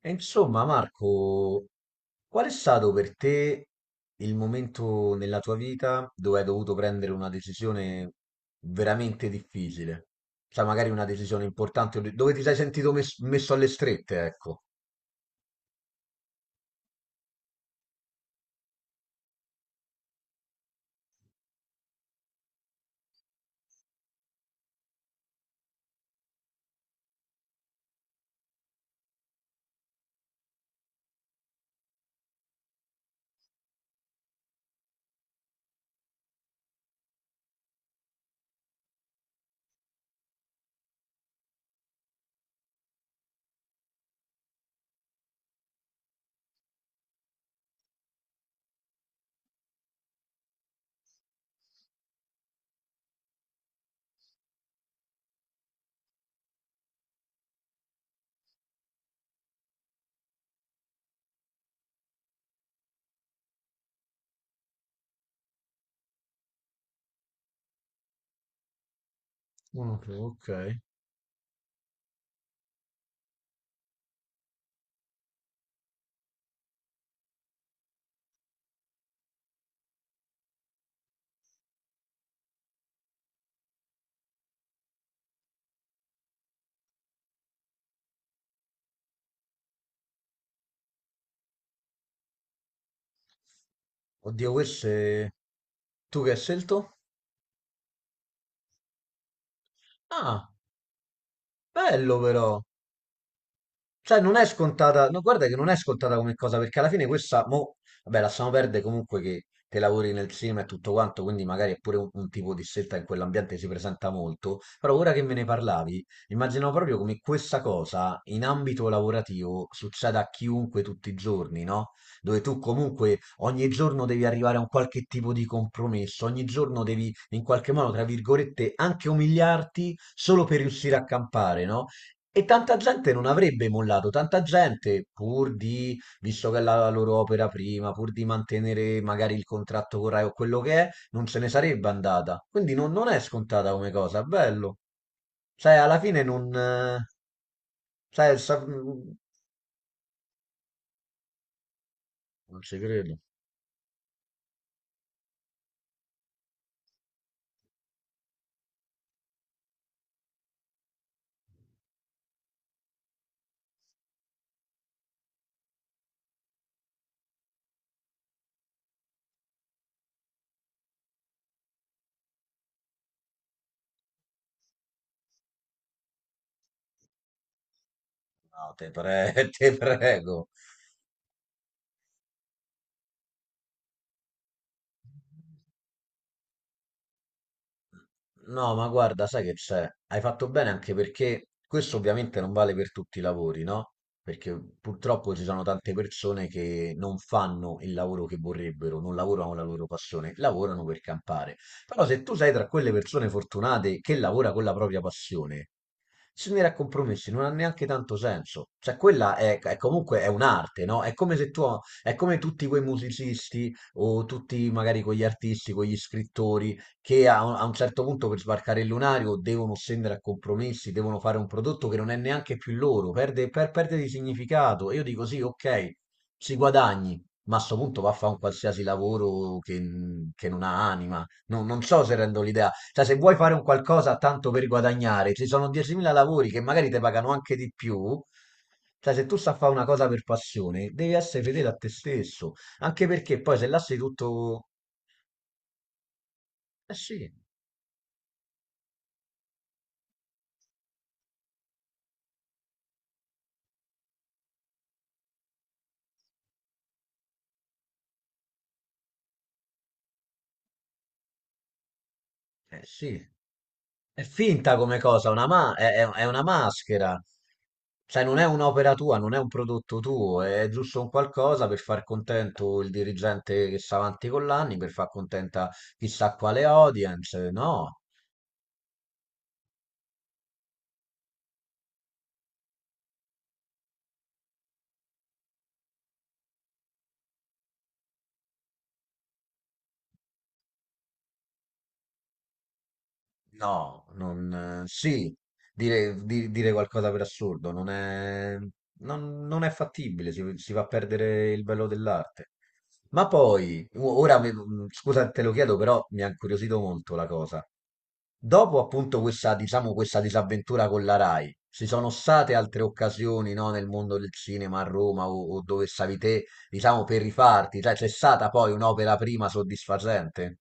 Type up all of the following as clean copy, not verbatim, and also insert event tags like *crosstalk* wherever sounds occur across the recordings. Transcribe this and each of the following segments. E insomma, Marco, qual è stato per te il momento nella tua vita dove hai dovuto prendere una decisione veramente difficile? Cioè, magari una decisione importante, dove ti sei sentito messo alle strette, ecco. Ok, ok. Oddio, questo è... Tu che hai scelto? Ah, bello però! Cioè, non è scontata, no, guarda che non è scontata come cosa, perché alla fine questa, mo, vabbè, lasciamo perdere comunque che te lavori nel cinema e tutto quanto, quindi magari è pure un tipo di scelta in quell'ambiente si presenta molto, però ora che me ne parlavi, immaginavo proprio come questa cosa in ambito lavorativo succeda a chiunque tutti i giorni, no? Dove tu comunque ogni giorno devi arrivare a un qualche tipo di compromesso, ogni giorno devi in qualche modo, tra virgolette, anche umiliarti solo per riuscire a campare, no? E tanta gente non avrebbe mollato, tanta gente pur di, visto che è la loro opera prima, pur di mantenere magari il contratto con Rai o quello che è, non se ne sarebbe andata. Quindi non, non è scontata come cosa, è bello. Sai, alla fine non... Sai, non ci credo. No, te prego, *laughs* te prego. No, ma guarda, sai che c'è? Hai fatto bene anche perché questo ovviamente non vale per tutti i lavori, no? Perché purtroppo ci sono tante persone che non fanno il lavoro che vorrebbero, non lavorano la loro passione, lavorano per campare. Però se tu sei tra quelle persone fortunate che lavora con la propria passione, si venire a compromessi non ha neanche tanto senso. Cioè, quella è comunque è un'arte, no? È come se tu, è come tutti quei musicisti o tutti magari quegli artisti, quegli scrittori che un a un certo punto per sbarcare il lunario devono scendere a compromessi, devono fare un prodotto che non è neanche più loro, perde di significato. E io dico sì, ok, si guadagni. Ma a sto punto va a fare un qualsiasi lavoro che non ha anima. Non, non so se rendo l'idea. Cioè, se vuoi fare un qualcosa tanto per guadagnare, ci sono 10.000 lavori che magari ti pagano anche di più. Cioè, se tu sai fare una cosa per passione, devi essere fedele a te stesso. Anche perché poi se lasci tutto... Eh sì, eh sì. È finta come cosa, è, è una maschera. Cioè, non è un'opera tua, non è un prodotto tuo, è giusto un qualcosa per far contento il dirigente che sta avanti con l'anni, per far contenta chissà quale audience. No, No, non... sì, dire qualcosa per assurdo non è, non, non è fattibile, si va a perdere il bello dell'arte. Ma poi, ora, scusa, te lo chiedo, però mi ha incuriosito molto la cosa. Dopo appunto questa, diciamo, questa disavventura con la Rai, ci sono state altre occasioni, no, nel mondo del cinema a Roma o dove stavi te, diciamo, per rifarti? Cioè, c'è stata poi un'opera prima soddisfacente?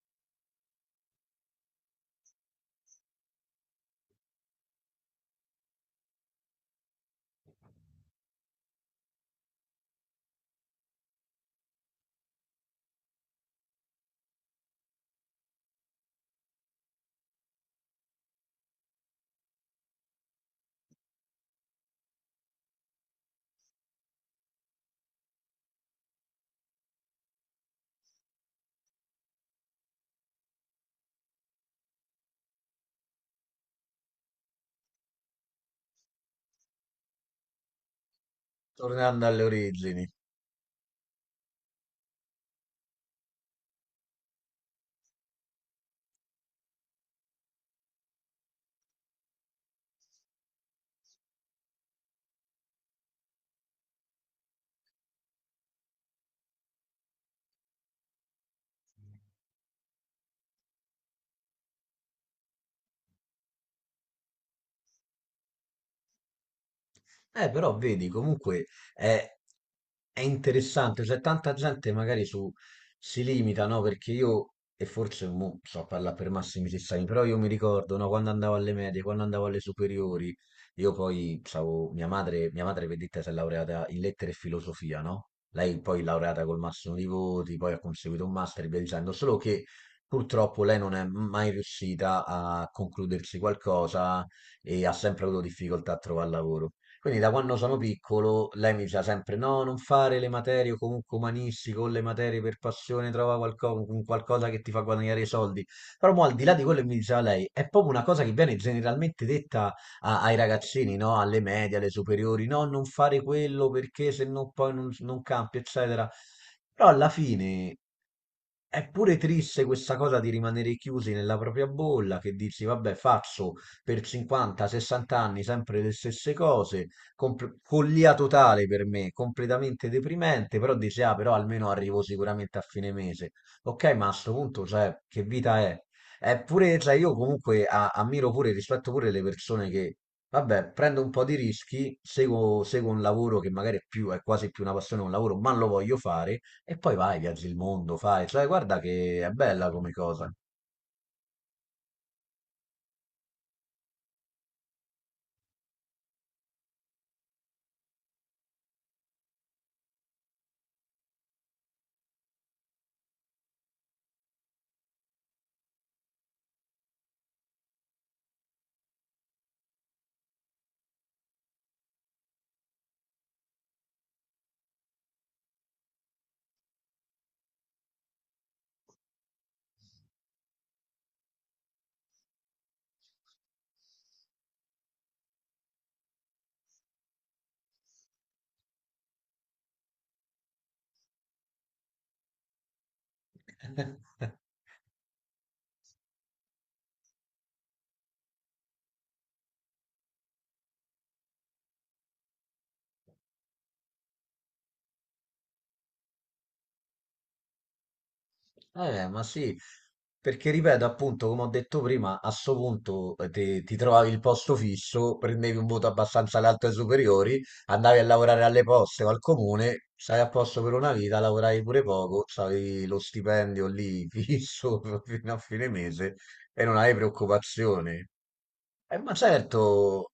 Tornando alle origini. Però vedi, comunque è, è interessante, cioè tanta gente magari su, si limita, no? Perché io, e forse mo, sto a parlare per massimi sistemi, però io mi ricordo, no, quando andavo alle medie, quando andavo alle superiori, io poi, stavo, mia madre, vedete, si è laureata in lettere e filosofia, no? Lei poi laureata col massimo di voti, poi ha conseguito un master e via dicendo, solo che purtroppo lei non è mai riuscita a concludersi qualcosa e ha sempre avuto difficoltà a trovare lavoro. Quindi da quando sono piccolo lei mi diceva sempre no, non fare le materie o comunque umanistiche o le materie per passione, trova un qualcosa che ti fa guadagnare i soldi. Però mo, al di là di quello che mi diceva lei, è proprio una cosa che viene generalmente detta ai ragazzini, no? Alle medie, alle superiori, no, non fare quello perché se no poi non, non campi, eccetera. Però alla fine è pure triste questa cosa di rimanere chiusi nella propria bolla, che dici, vabbè, faccio per 50-60 anni sempre le stesse cose, follia totale per me, completamente deprimente, però dici, ah, però almeno arrivo sicuramente a fine mese. Ok, ma a sto punto, cioè, che vita è? Eppure, cioè, io comunque ammiro pure, rispetto pure le persone che, vabbè, prendo un po' di rischi, seguo, seguo un lavoro che magari è più, è quasi più una passione, che un lavoro, ma lo voglio fare, e poi vai, viaggi il mondo, fai, cioè, guarda che è bella come cosa. *laughs* Ma sì, perché ripeto, appunto, come ho detto prima, a sto punto ti, ti trovavi il posto fisso, prendevi un voto abbastanza alto ai superiori, andavi a lavorare alle poste o al comune, stavi a posto per una vita, lavoravi pure poco, stavi lo stipendio lì *laughs* fisso fino a fine mese e non avevi preoccupazioni. Ma certo.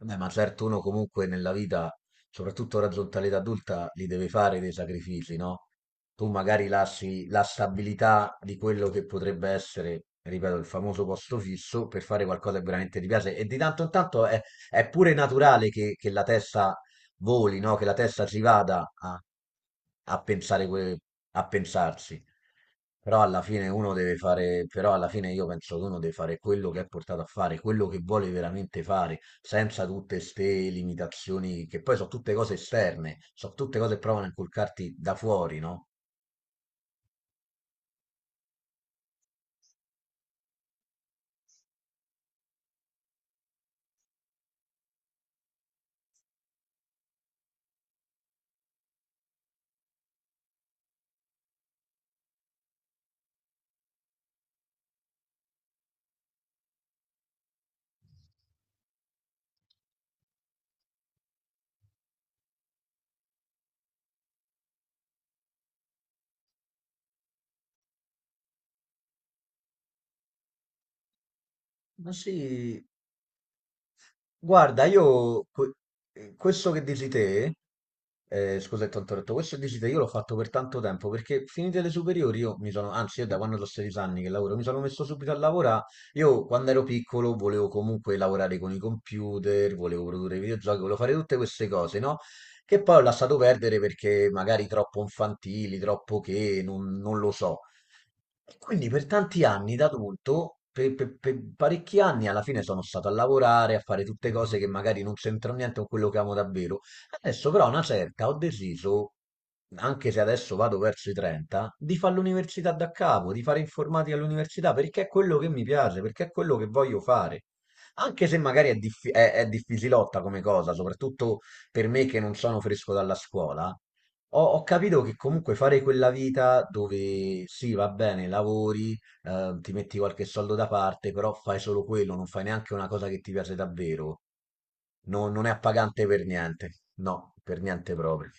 Vabbè, ma certo uno comunque nella vita, soprattutto raggiunta l'età adulta, li deve fare dei sacrifici, no? Tu magari lasci la stabilità di quello che potrebbe essere, ripeto, il famoso posto fisso per fare qualcosa che veramente ti piace. E di tanto in tanto è pure naturale che la testa voli, no? Che la testa ci vada a, a pensare, a pensarsi. Però alla fine uno deve fare, però alla fine io penso che uno deve fare quello che è portato a fare, quello che vuole veramente fare senza tutte ste limitazioni che poi sono tutte cose esterne, sono tutte cose che provano a inculcarti da fuori, no? Ma sì, guarda, questo che dici te, scusa che ti ho interrotto, questo che dici te io l'ho fatto per tanto tempo perché finite le superiori io mi sono, anzi io da quando ho 16 anni che lavoro, mi sono messo subito a lavorare, io quando ero piccolo volevo comunque lavorare con i computer, volevo produrre videogiochi, volevo fare tutte queste cose, no? Che poi ho lasciato perdere perché magari troppo infantili, troppo che, non non lo so. E quindi per tanti anni da adulto, per, per parecchi anni, alla fine sono stato a lavorare, a fare tutte cose che magari non c'entrano niente con quello che amo davvero. Adesso però a una certa ho deciso, anche se adesso vado verso i 30, di fare l'università da capo, di fare informatica all'università, perché è quello che mi piace, perché è quello che voglio fare. Anche se magari è, è difficilotta come cosa, soprattutto per me che non sono fresco dalla scuola, ho, ho capito che comunque fare quella vita dove sì, va bene, lavori, ti metti qualche soldo da parte, però fai solo quello, non fai neanche una cosa che ti piace davvero. Non è appagante per niente. No, per niente proprio.